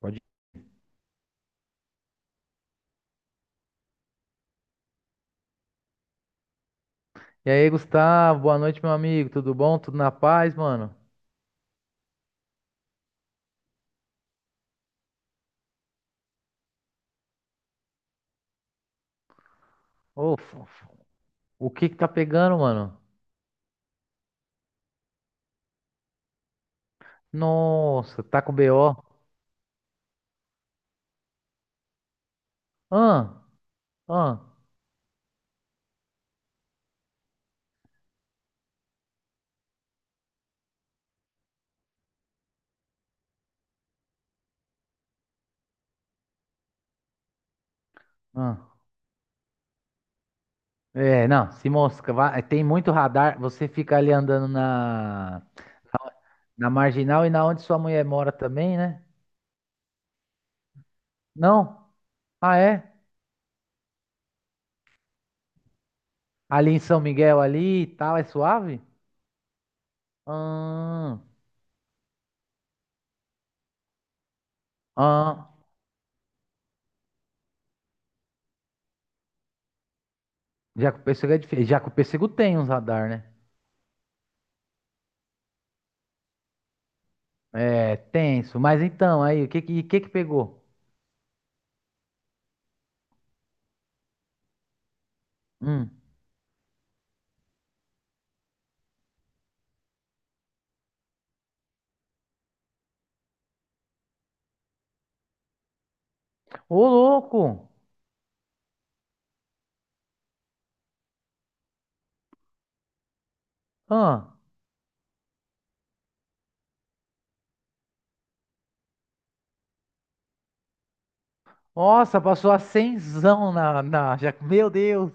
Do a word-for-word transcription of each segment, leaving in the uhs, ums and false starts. Pode. E aí, Gustavo, boa noite, meu amigo. Tudo bom? Tudo na paz, mano? Ô, fofo, o que que tá pegando, mano? Nossa, tá com B O. Ah, ah, ah. É, não, se mosca, vai- tem muito radar. Você fica ali andando na, na marginal e na onde sua mulher mora também, né? Não? Ah, é? Ali em São Miguel ali e tal, é suave? Ah, ah. Já que o pêssego é difícil. Já que o pêssego tem uns radar, né? É, tenso. Mas então, aí, o que que, que que pegou? Hum. Ô, louco! Ah, nossa, passou a cenzão na, na... Já... Meu Deus!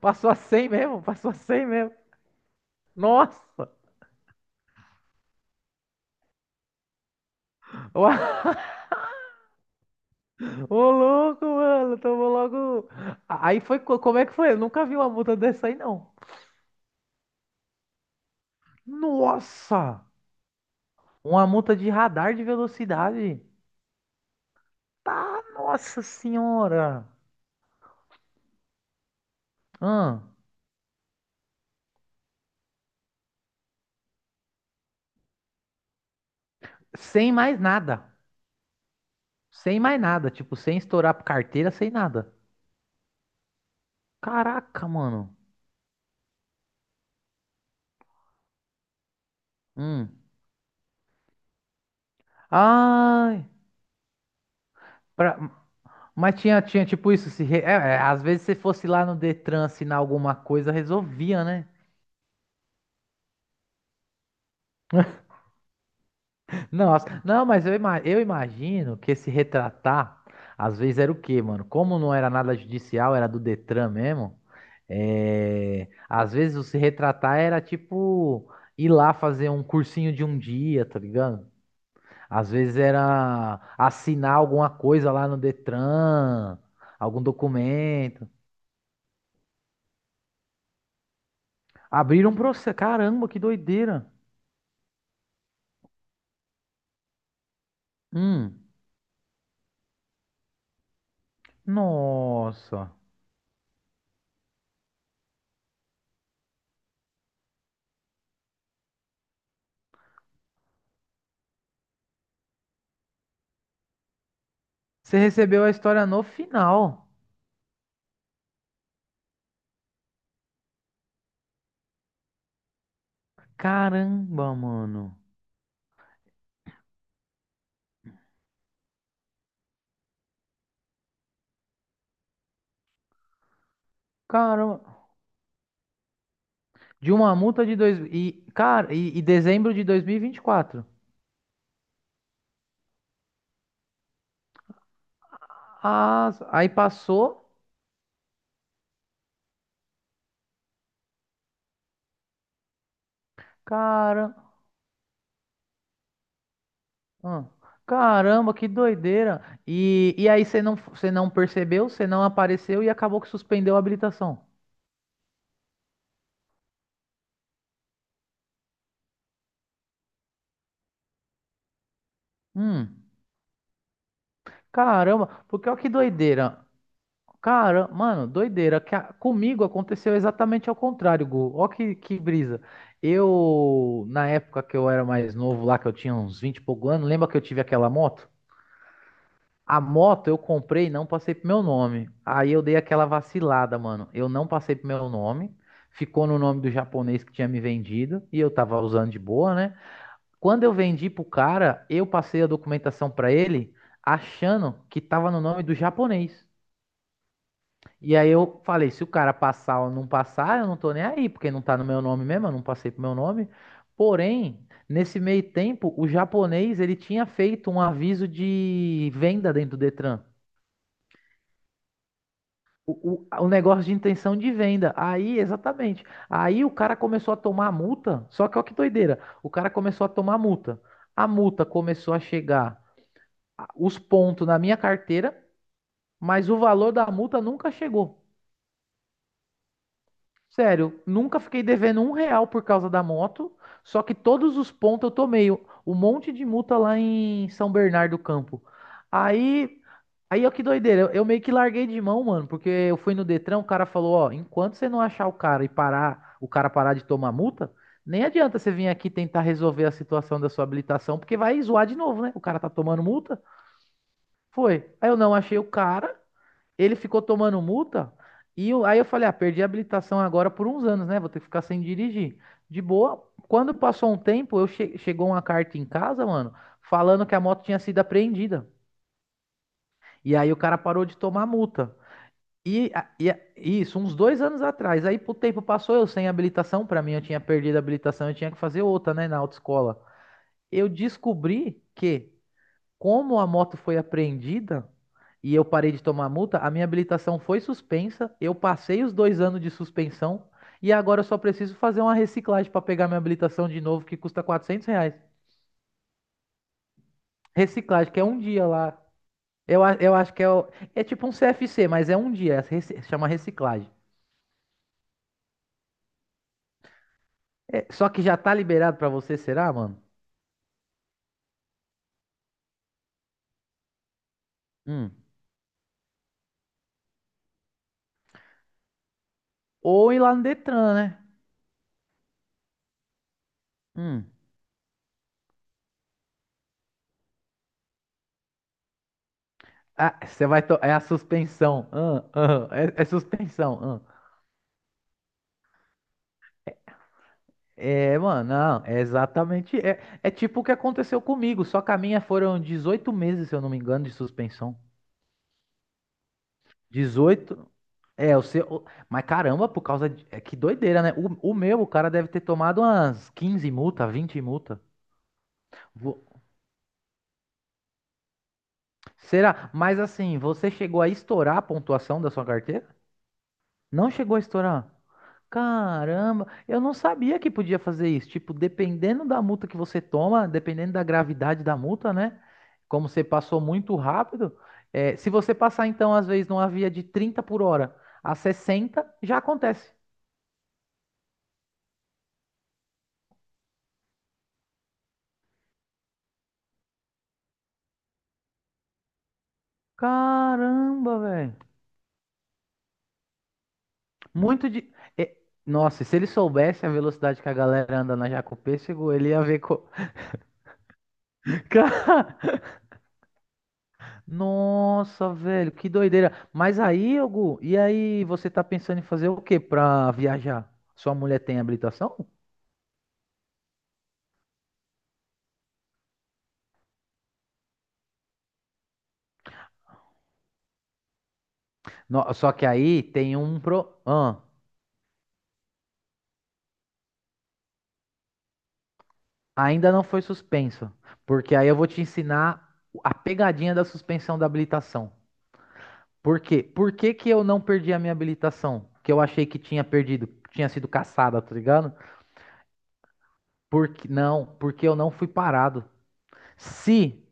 Passou a cem mesmo? Passou a cem mesmo? Nossa! Uau. Ô, louco, mano! Tomou logo... A- Aí foi... co- Como é que foi? Eu nunca vi uma multa dessa aí, não. Nossa! Uma multa de radar de velocidade. Tá, nossa senhora! Ah, sem mais nada. Sem mais nada, tipo, sem estourar carteira, sem nada. Caraca, mano. Hum. Ai. pra- Mas tinha, tinha tipo isso. Se re- é, é, Às vezes se fosse lá no Detran assinar alguma coisa, resolvia, né? Nossa, não, mas eu, ima- eu imagino que esse retratar, às vezes era o quê, mano? Como não era nada judicial, era do Detran mesmo. É... Às vezes o se retratar era tipo ir lá fazer um cursinho de um dia, tá ligado? Às vezes era assinar alguma coisa lá no Detran, algum documento. Abriram um processo. Caramba, que doideira. Hum. Nossa. Você recebeu a história no final. Caramba, mano. Caramba. De uma multa de dois e cara, e, e dezembro de dois mil e vinte e quatro. Ah, aí passou. Cara, ah, caramba, que doideira. E, e aí você não, você não percebeu, você não apareceu e acabou que suspendeu a habilitação. Hum, caramba, porque olha que doideira. Cara, mano, doideira. Que a- comigo aconteceu exatamente ao contrário, Gu. Ó que, que brisa. Eu, na época que eu era mais novo lá, que eu tinha uns vinte e pouco anos, lembra que eu tive aquela moto? A moto eu comprei e não passei pro meu nome. Aí eu dei aquela vacilada, mano. Eu não passei pro meu nome. Ficou no nome do japonês que tinha me vendido e eu tava usando de boa, né? Quando eu vendi pro cara, eu passei a documentação pra ele achando que tava no nome do japonês. E aí eu falei, se o cara passar ou não passar, eu não tô nem aí, porque não tá no meu nome mesmo, eu não passei pro meu nome. Porém, nesse meio tempo, o japonês ele tinha feito um aviso de venda dentro do Detran. O, o, o negócio de intenção de venda. Aí, exatamente. Aí o cara começou a tomar multa. Só que olha que doideira. O cara começou a tomar multa. A multa começou a chegar a- os pontos na minha carteira, mas o valor da multa nunca chegou. Sério, nunca fiquei devendo um real por causa da moto. Só que todos os pontos eu tomei. Um monte de multa lá em São Bernardo do Campo. Aí Aí, ó, que doideira. Eu, eu meio que larguei de mão, mano, porque eu fui no Detran, o cara falou, ó, enquanto você não achar o cara e parar, o cara parar de tomar multa, nem adianta você vir aqui tentar resolver a situação da sua habilitação, porque vai zoar de novo, né? O cara tá tomando multa. Foi. Aí eu não achei o cara, ele ficou tomando multa, e eu- aí eu falei, ah, perdi a habilitação agora por uns anos, né? Vou ter que ficar sem dirigir. De boa. Quando passou um tempo, eu che- chegou uma carta em casa, mano, falando que a moto tinha sido apreendida. E aí o cara parou de tomar multa. E, a- e a- isso, uns dois anos atrás. Aí o tempo passou, eu sem habilitação. Pra mim, eu tinha perdido a habilitação, eu tinha que fazer outra, né, na autoescola. Eu descobri que, como a moto foi apreendida e eu parei de tomar multa, a minha habilitação foi suspensa. Eu passei os dois anos de suspensão e agora eu só preciso fazer uma reciclagem pra pegar minha habilitação de novo, que custa quatrocentos reais. Reciclagem, que é um dia lá. Eu, a- eu acho que é, o- é tipo um C F C, mas é um dia, reci- chama reciclagem. É, só que já tá liberado pra você, será, mano? Hum. Ou ir lá no Detran, né? Hum. Ah, você vai. to- É a suspensão. Ah, ah. É, é suspensão. Ah. É, mano, não. É exatamente. É, é tipo o que aconteceu comigo. Só que a minha foram dezoito meses, se eu não me engano, de suspensão. dezoito. É, o seu. o- Mas caramba, por causa de. É, que doideira, né? O, o meu, o cara deve ter tomado umas quinze multa, vinte multa. Vo- Será? Mas assim, você chegou a estourar a pontuação da sua carteira? Não chegou a estourar? Caramba, eu não sabia que podia fazer isso. Tipo, dependendo da multa que você toma, dependendo da gravidade da multa, né? Como você passou muito rápido, é, se você passar, então, às vezes, numa via de trinta por hora a sessenta já acontece. Caramba, velho. Muito de. é, nossa, se ele soubesse a velocidade que a galera anda na Jacopé, chegou, ele ia ver. Co... Cara, nossa, velho, que doideira. Mas aí, Hugo, e aí você tá pensando em fazer o que pra viajar? Sua mulher tem habilitação? No- só que aí tem um pro... Ah, ainda não foi suspensa, porque aí eu vou te ensinar a pegadinha da suspensão da habilitação. Por quê? Por que que eu não perdi a minha habilitação? Que eu achei que tinha perdido, que tinha sido caçada, tá ligado? Porque, não, porque eu não fui parado. Se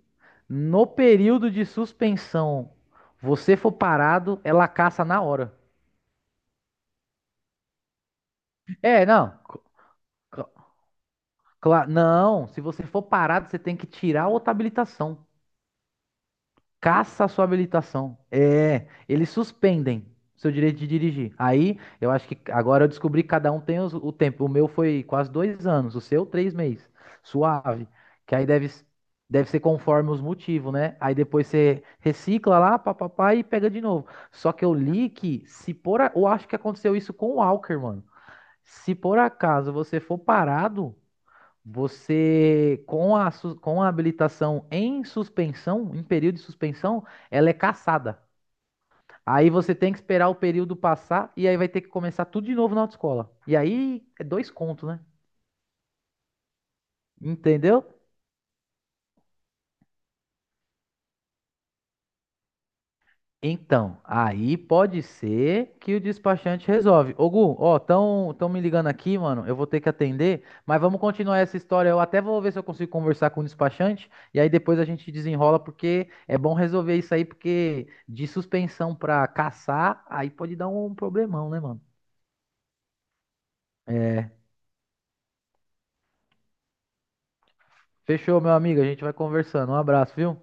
no período de suspensão você for parado, ela caça na hora. É, não. cla- Não, se você for parado, você tem que tirar a outra habilitação. Caça a sua habilitação. É, eles suspendem seu direito de dirigir. Aí, eu acho que agora eu descobri que cada um tem os- o tempo. O meu foi quase dois anos, o seu três meses. Suave. Que aí deve, deve ser conforme os motivos, né? Aí depois você recicla lá, papapá, e pega de novo. Só que eu li que se por... a- eu acho que aconteceu isso com o Walker, mano. Se por acaso você for parado, você, com a, sus- com a habilitação em suspensão, em período de suspensão, ela é cassada. Aí você tem que esperar o período passar e aí vai ter que começar tudo de novo na autoescola. E aí é dois contos, né? Entendeu? Então, aí pode ser que o despachante resolve. Ô, Gu, ó, tão, tão me ligando aqui, mano. Eu vou ter que atender, mas vamos continuar essa história. Eu até vou ver se eu consigo conversar com o despachante e aí depois a gente desenrola, porque é bom resolver isso aí, porque de suspensão pra caçar, aí pode dar um problemão, né, mano? É, fechou, meu amigo. A gente vai conversando. Um abraço, viu?